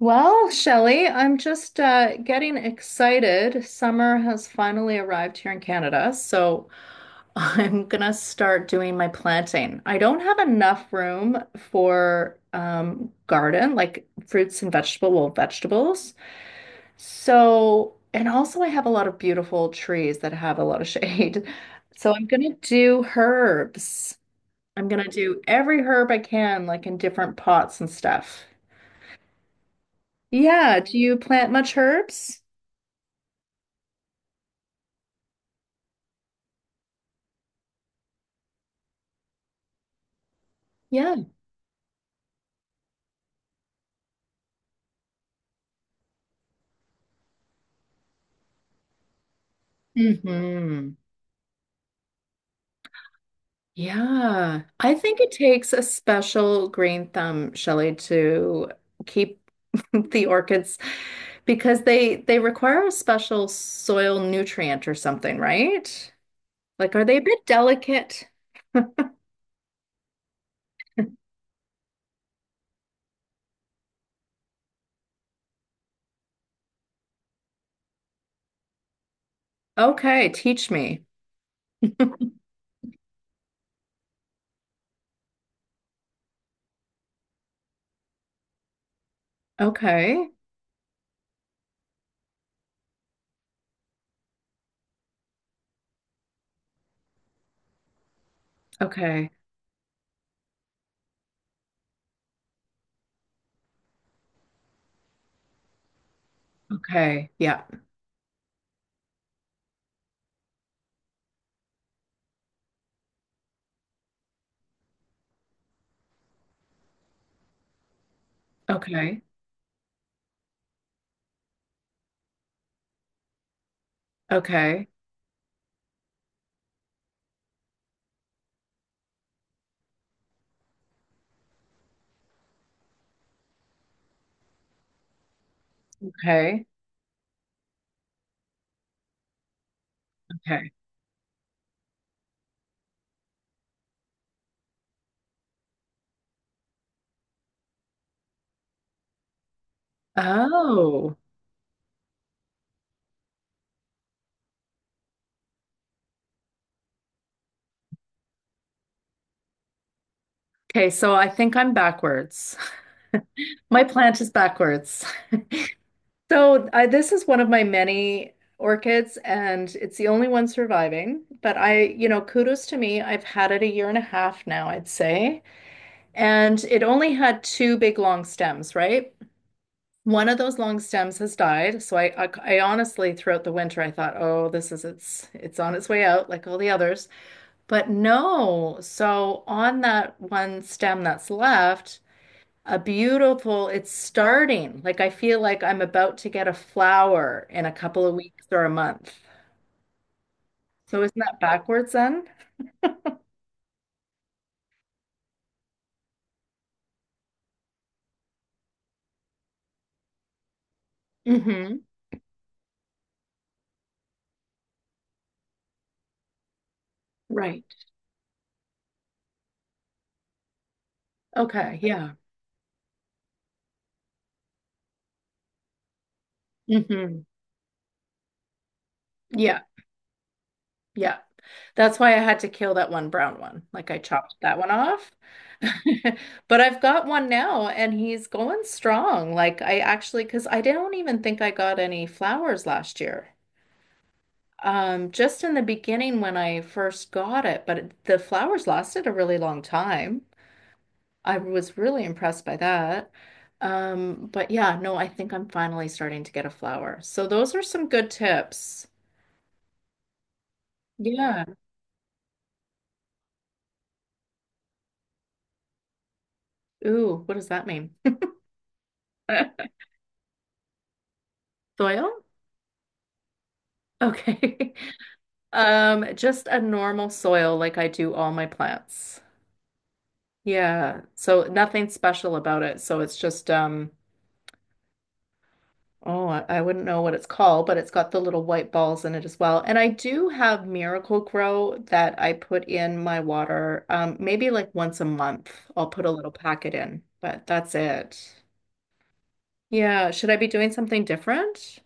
Well, Shelley, I'm just getting excited. Summer has finally arrived here in Canada, so I'm gonna start doing my planting. I don't have enough room for garden, like fruits and vegetable, well, vegetables. So, and also I have a lot of beautiful trees that have a lot of shade. So I'm gonna do herbs. I'm gonna do every herb I can, like in different pots and stuff. Yeah, do you plant much herbs? Yeah. Hmm. Yeah. I think it takes a special green thumb, Shelley, to keep the orchids because they require a special soil nutrient or something, right? Like, are they a bit delicate? Okay, teach me. Okay. Okay. Okay. Yeah. Okay. Okay. Okay. Okay. Oh. Okay, so I think I'm backwards. My plant is backwards. So I, this is one of my many orchids, and it's the only one surviving. But I, you know, kudos to me. I've had it a year and a half now, I'd say. And it only had two big long stems, right? One of those long stems has died. So I honestly, throughout the winter, I thought, oh, this is it's on its way out, like all the others. But no. So on that one stem that's left. A beautiful, it's starting. Like I feel like I'm about to get a flower in a couple of weeks or a month. So isn't that backwards then? Mm-hmm. Right. Okay. Yeah. Mm-hmm. Yeah. Yeah. That's why I had to kill that one brown one. Like I chopped that one off. But I've got one now and he's going strong. Like I actually, because I don't even think I got any flowers last year. Just in the beginning when I first got it, but it, the flowers lasted a really long time. I was really impressed by that. But yeah, no, I think I'm finally starting to get a flower. So those are some good tips. Yeah. Ooh, what does that mean? Soil? Okay. Just a normal soil like I do all my plants. Yeah. So nothing special about it. So it's just. Oh, I wouldn't know what it's called, but it's got the little white balls in it as well. And I do have Miracle-Gro that I put in my water. Maybe like once a month, I'll put a little packet in, but that's it. Yeah, should I be doing something different?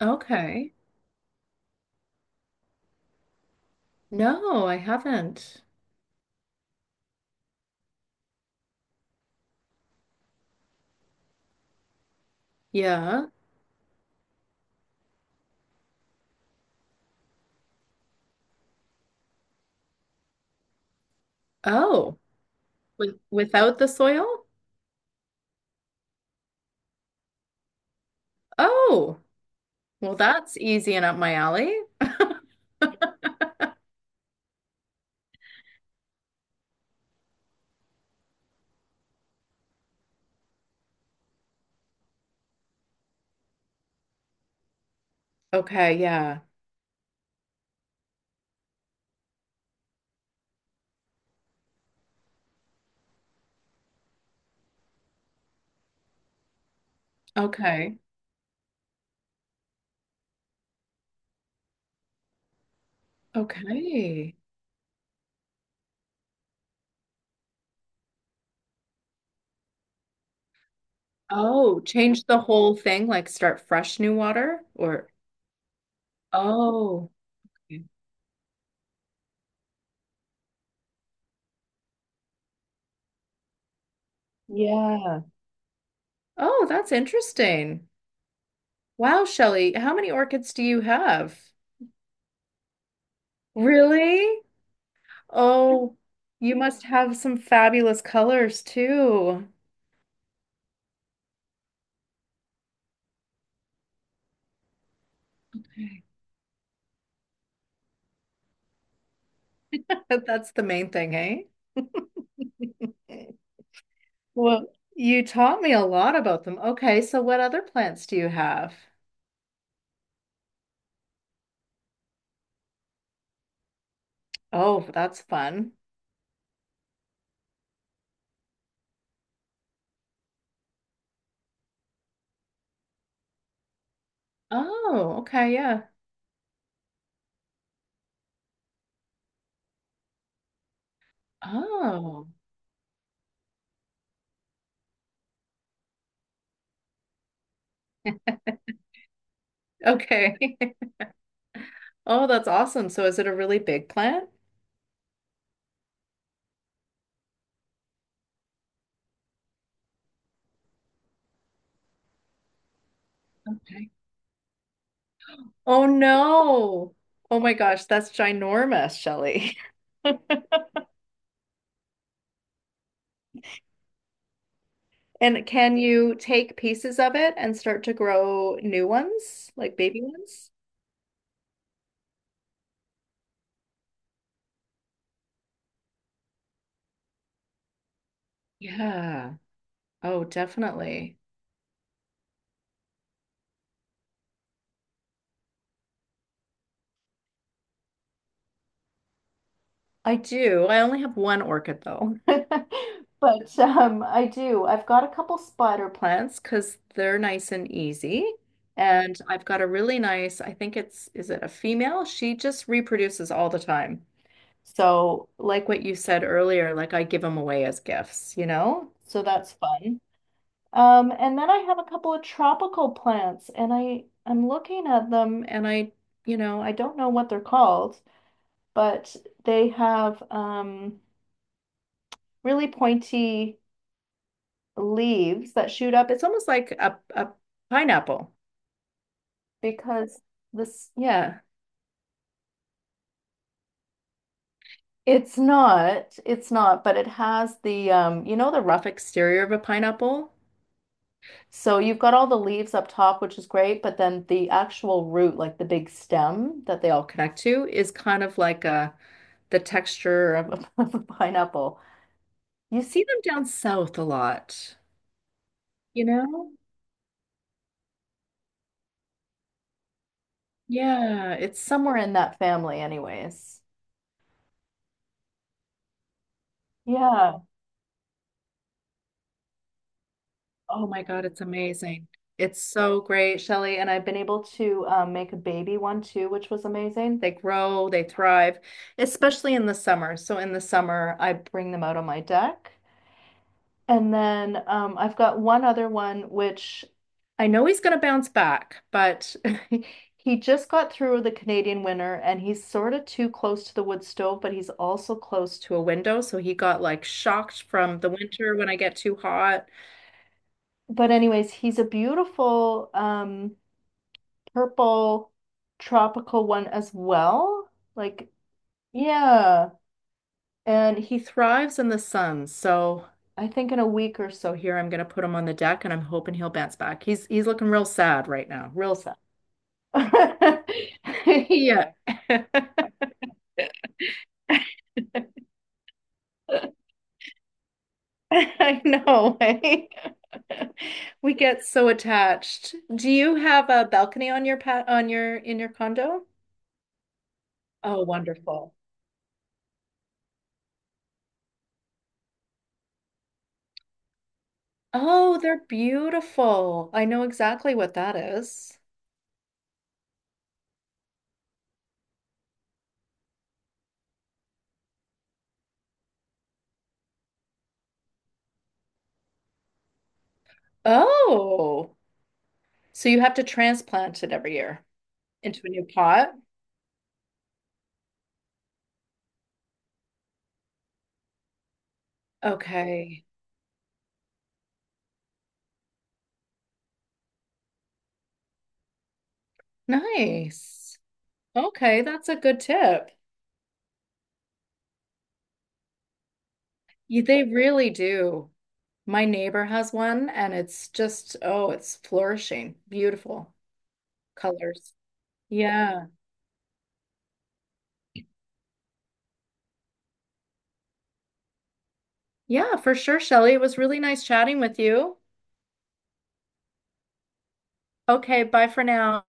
Okay. No, I haven't. Yeah. Oh, with, without the soil? Oh, well, that's easy and up my alley. Okay, yeah. Okay. Okay. Oh, change the whole thing, like start fresh new water or oh. Okay. Yeah. Oh, that's interesting. Wow, Shelley, how many orchids do you have? Really? Oh, you must have some fabulous colors too. But that's the main thing, eh? Well, you taught me a lot about them. Okay, so what other plants do you have? Oh, that's fun. Oh, okay, yeah. Oh, okay. Oh, that's awesome. So is it a really big plant? Okay. Oh no. Oh my gosh, that's ginormous, Shelley. And can you take pieces of it and start to grow new ones, like baby ones? Yeah. Oh, definitely. I do. I only have one orchid though. But I do. I've got a couple spider plants because they're nice and easy. And I've got a really nice, I think it's, is it a female? She just reproduces all the time. So, like what you said earlier, like I give them away as gifts, you know? So that's fun. And then I have a couple of tropical plants and I'm looking at them and I, you know, I don't know what they're called, but they have really pointy leaves that shoot up. It's almost like a pineapple because this, yeah, it's not, but it has the, you know, the rough exterior of a pineapple. So you've got all the leaves up top, which is great, but then the actual root, like the big stem that they all connect to, is kind of like a the texture of of a pineapple. You see them down south a lot, you know? Yeah, it's somewhere in that family anyways. Yeah. Oh my God, it's amazing. It's so great, Shelly. And I've been able to make a baby one too, which was amazing. They grow, they thrive, especially in the summer. So in the summer, I bring them out on my deck. And then I've got one other one, which I know he's going to bounce back, but he just got through the Canadian winter and he's sort of too close to the wood stove, but he's also close to a window. So he got like shocked from the winter when I get too hot. But anyways, he's a beautiful purple tropical one as well. Like, yeah. And he thrives in the sun. So I think in a week or so here I'm gonna put him on the deck and I'm hoping he'll bounce back. He's looking real sad right now. Real sad. Yeah. I know. Eh? We get so attached. Do you have a balcony on your in your condo? Oh, wonderful. Oh, they're beautiful. I know exactly what that is. Oh, so you have to transplant it every year into a new pot? Okay, nice. Okay, that's a good tip. Y- They really do. My neighbor has one and it's just, oh, it's flourishing. Beautiful colors. Yeah. Yeah, for sure, Shelley. It was really nice chatting with you. Okay, bye for now.